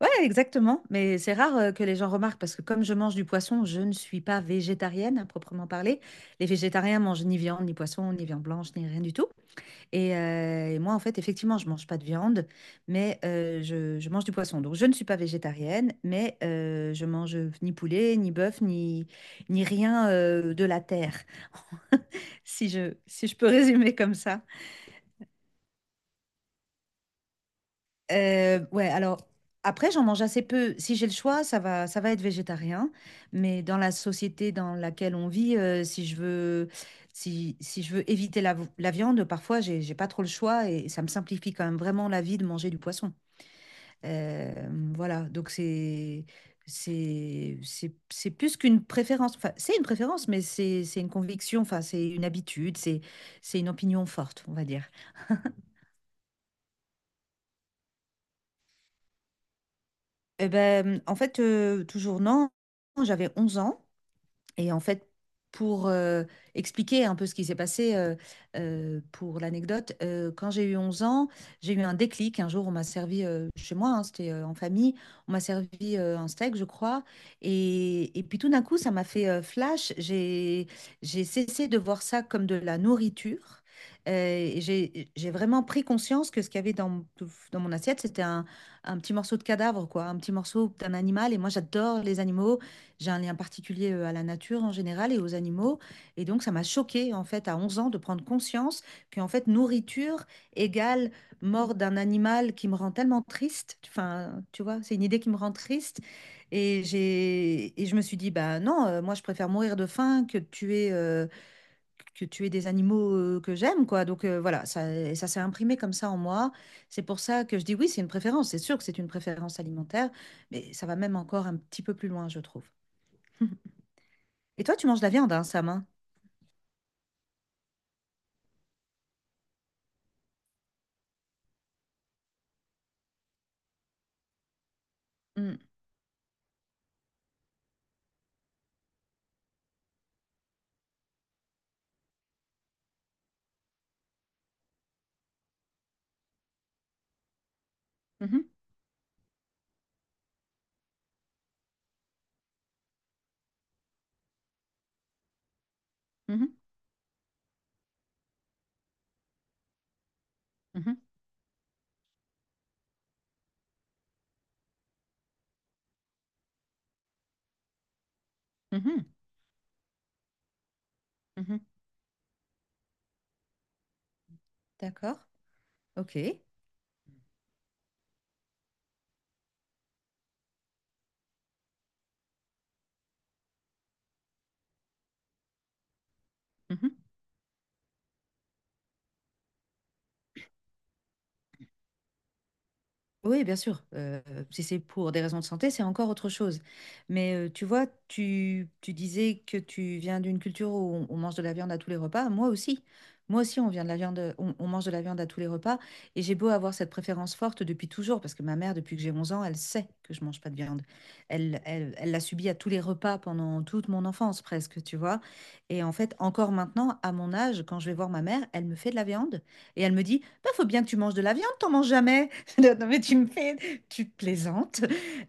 Ouais, exactement. Mais c'est rare que les gens remarquent parce que comme je mange du poisson, je ne suis pas végétarienne à proprement parler. Les végétariens mangent ni viande, ni poisson, ni viande blanche, ni rien du tout. Et moi, en fait, effectivement, je mange pas de viande, mais je mange du poisson. Donc, je ne suis pas végétarienne, mais je mange ni poulet, ni bœuf, ni rien de la terre, Si je peux résumer comme ça. Ouais, alors après, j'en mange assez peu. Si j'ai le choix, ça va être végétarien. Mais dans la société dans laquelle on vit, si je veux éviter la viande, parfois, j'ai pas trop le choix et ça me simplifie quand même vraiment la vie de manger du poisson. Euh, voilà, donc c'est plus qu'une préférence. Enfin, c'est une préférence, mais c'est une conviction. Enfin, c'est une habitude. C'est une opinion forte, on va dire. Eh ben, en fait, toujours non. J'avais 11 ans. Et en fait, pour expliquer un peu ce qui s'est passé, pour l'anecdote, quand j'ai eu 11 ans, j'ai eu un déclic. Un jour, on m'a servi chez moi, hein, c'était en famille, on m'a servi un steak, je crois. Et puis tout d'un coup, ça m'a fait flash. J'ai cessé de voir ça comme de la nourriture. Et j'ai vraiment pris conscience que ce qu'il y avait dans mon assiette, c'était un petit morceau de cadavre, quoi, un petit morceau d'un animal. Et moi, j'adore les animaux. J'ai un lien particulier à la nature en général et aux animaux. Et donc, ça m'a choquée, en fait, à 11 ans, de prendre conscience qu'en fait, nourriture égale mort d'un animal qui me rend tellement triste. Enfin, tu vois, c'est une idée qui me rend triste. Et je me suis dit, bah non, moi, je préfère mourir de faim que de tuer, que tuer des animaux que j'aime, quoi. Donc, voilà, ça, et ça s'est imprimé comme ça en moi. C'est pour ça que je dis oui, c'est une préférence. C'est sûr que c'est une préférence alimentaire, mais ça va même encore un petit peu plus loin, je trouve. Et toi, tu manges de la viande, hein, Sam, hein? Mmh. Mmh mh. Mmh mh. Mmh. Mmh. Mmh. D'accord. OK. Mmh. Oui, bien sûr. Si c'est pour des raisons de santé, c'est encore autre chose. Mais tu vois, tu disais que tu viens d'une culture où on mange de la viande à tous les repas. Moi aussi. Moi aussi, on vient de la viande, on mange de la viande à tous les repas. Et j'ai beau avoir cette préférence forte depuis toujours, parce que ma mère, depuis que j'ai 11 ans, elle sait que je mange pas de viande. Elle l'a subi à tous les repas pendant toute mon enfance, presque, tu vois. Et en fait, encore maintenant, à mon âge, quand je vais voir ma mère, elle me fait de la viande. Et elle me dit, bah, faut bien que tu manges de la viande, t'en manges jamais. Non, mais tu me fais, tu plaisantes.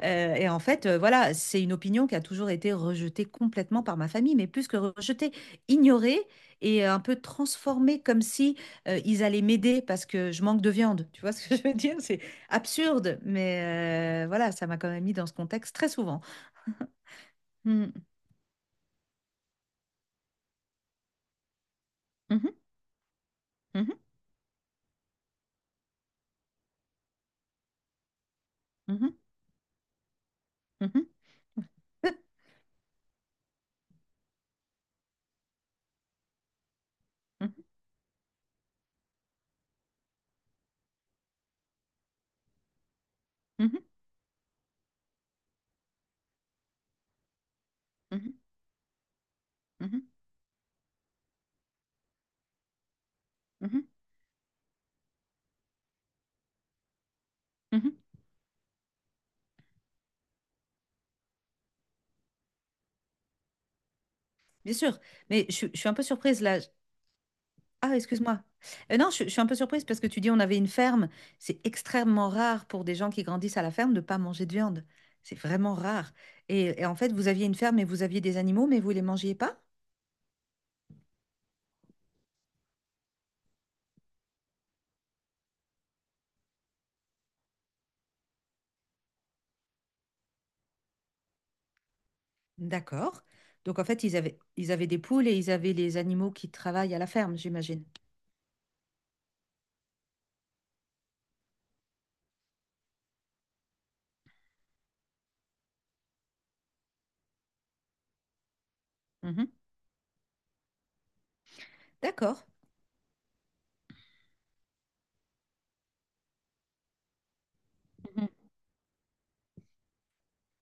Et en fait, voilà, c'est une opinion qui a toujours été rejetée complètement par ma famille, mais plus que rejetée, ignorée et un peu transformée comme si ils allaient m'aider parce que je manque de viande. Tu vois ce que je veux dire? C'est absurde, mais voilà, ça m'a quand même mis dans ce contexte très souvent. Mm. Mhm, mhm, mhm, mhm, mhm, mhm, mhm, mhm, mhm, mhm. Bien sûr, mais je suis un peu surprise là. Ah, excuse-moi. Non, je suis un peu surprise parce que tu dis on avait une ferme. C'est extrêmement rare pour des gens qui grandissent à la ferme de ne pas manger de viande. C'est vraiment rare. Et en fait, vous aviez une ferme et vous aviez des animaux, mais vous les mangiez pas? D'accord. Donc en fait, ils avaient des poules et ils avaient les animaux qui travaillent à la ferme, j'imagine. Mhm. D'accord.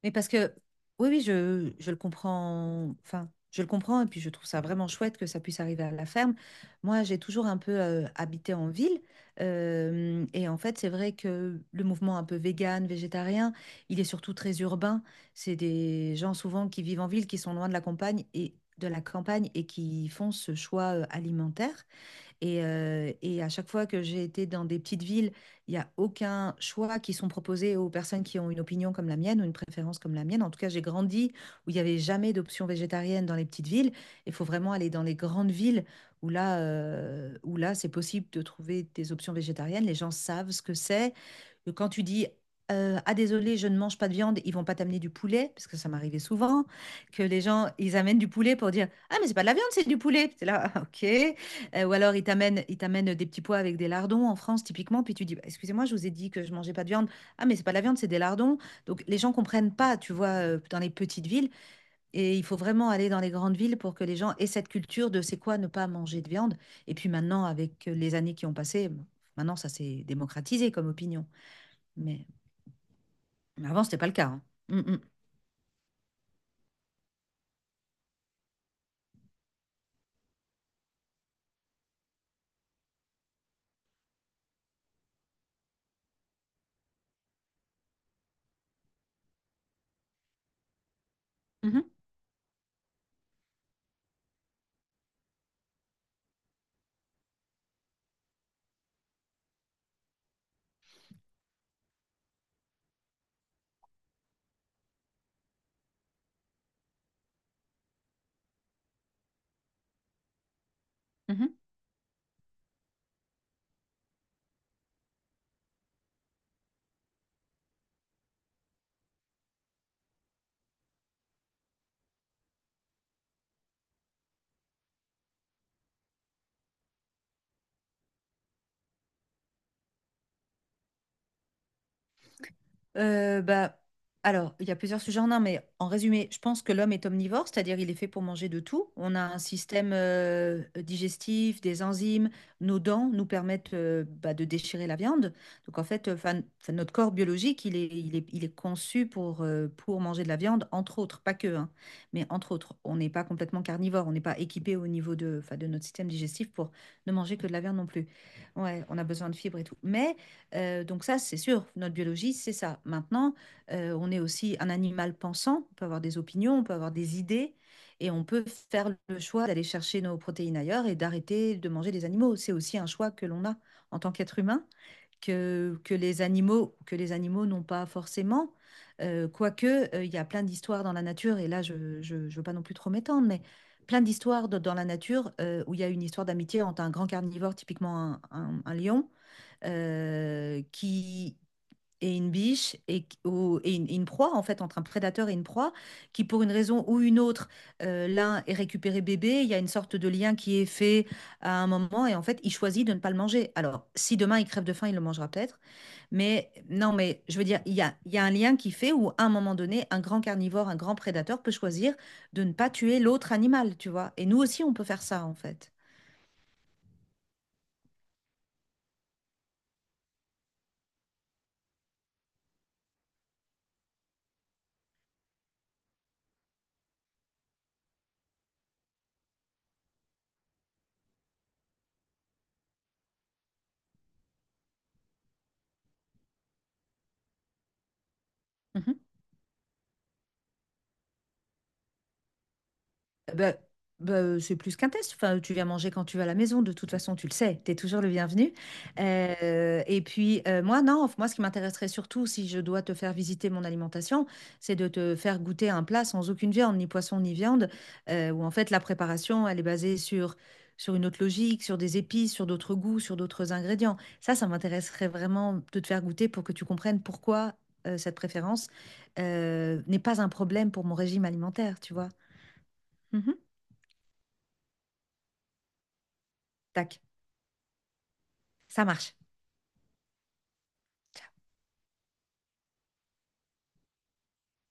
Mais parce que, oui, oui, je le comprends, enfin, je le comprends, et puis je trouve ça vraiment chouette que ça puisse arriver à la ferme. Moi, j'ai toujours un peu habité en ville, et en fait, c'est vrai que le mouvement un peu vegan, végétarien, il est surtout très urbain. C'est des gens souvent qui vivent en ville, qui sont loin de la campagne et qui font ce choix alimentaire. Et à chaque fois que j'ai été dans des petites villes, il n'y a aucun choix qui sont proposés aux personnes qui ont une opinion comme la mienne ou une préférence comme la mienne. En tout cas, j'ai grandi où il n'y avait jamais d'option végétarienne dans les petites villes. Il faut vraiment aller dans les grandes villes où là, c'est possible de trouver des options végétariennes. Les gens savent ce que c'est que quand tu dis ah désolé, je ne mange pas de viande, ils vont pas t'amener du poulet, parce que ça m'arrivait souvent, que les gens, ils amènent du poulet pour dire ah mais c'est pas de la viande, c'est du poulet. T'es là, ah, ok. Ou alors ils t'amènent des petits pois avec des lardons en France typiquement, puis tu dis bah, excusez-moi, je vous ai dit que je mangeais pas de viande. Ah mais c'est pas de la viande, c'est des lardons. Donc les gens comprennent pas, tu vois, dans les petites villes, et il faut vraiment aller dans les grandes villes pour que les gens aient cette culture de c'est quoi ne pas manger de viande. Et puis maintenant, avec les années qui ont passé, maintenant ça s'est démocratisé comme opinion, mais mais avant, c'était pas le cas, hein. Mm, mm. Mhm, mhm. Bah, alors, il y a plusieurs sujets en un, mais en résumé, je pense que l'homme est omnivore, c'est-à-dire il est fait pour manger de tout. On a un système digestif, des enzymes, nos dents nous permettent bah, de déchirer la viande. Donc en fait, 'fin, notre corps biologique, il est conçu pour manger de la viande, entre autres, pas que, hein, mais entre autres. On n'est pas complètement carnivore, on n'est pas équipé au niveau de, 'fin, de notre système digestif pour ne manger que de la viande non plus. Ouais, on a besoin de fibres et tout. Mais donc ça, c'est sûr, notre biologie, c'est ça. Maintenant, on est aussi un animal pensant, on peut avoir des opinions, on peut avoir des idées, et on peut faire le choix d'aller chercher nos protéines ailleurs et d'arrêter de manger des animaux. C'est aussi un choix que l'on a en tant qu'être humain, que les animaux n'ont pas forcément. Quoique, il y a plein d'histoires dans la nature, et là, je ne veux pas non plus trop m'étendre, mais plein d'histoires dans la nature où il y a une histoire d'amitié entre un grand carnivore, typiquement un lion, qui est une biche et une proie, en fait, entre un prédateur et une proie, qui pour une raison ou une autre, l'un est récupéré bébé, il y a une sorte de lien qui est fait à un moment et en fait, il choisit de ne pas le manger. Alors, si demain il crève de faim, il le mangera peut-être, mais non, mais je veux dire, il y a un lien qui fait où à un moment donné, un grand carnivore, un grand prédateur peut choisir de ne pas tuer l'autre animal, tu vois. Et nous aussi, on peut faire ça, en fait. Mhm. Bah, bah, c'est plus qu'un test. Enfin, tu viens manger quand tu vas à la maison. De toute façon, tu le sais. Tu es toujours le bienvenu. Et puis, moi, non. Enfin, moi, ce qui m'intéresserait surtout, si je dois te faire visiter mon alimentation, c'est de te faire goûter un plat sans aucune viande, ni poisson, ni viande, où en fait, la préparation, elle est basée sur une autre logique, sur des épices, sur d'autres goûts, sur d'autres ingrédients. Ça m'intéresserait vraiment de te faire goûter pour que tu comprennes pourquoi, cette préférence, n'est pas un problème pour mon régime alimentaire, tu vois. Mhm. Tac. Ça marche.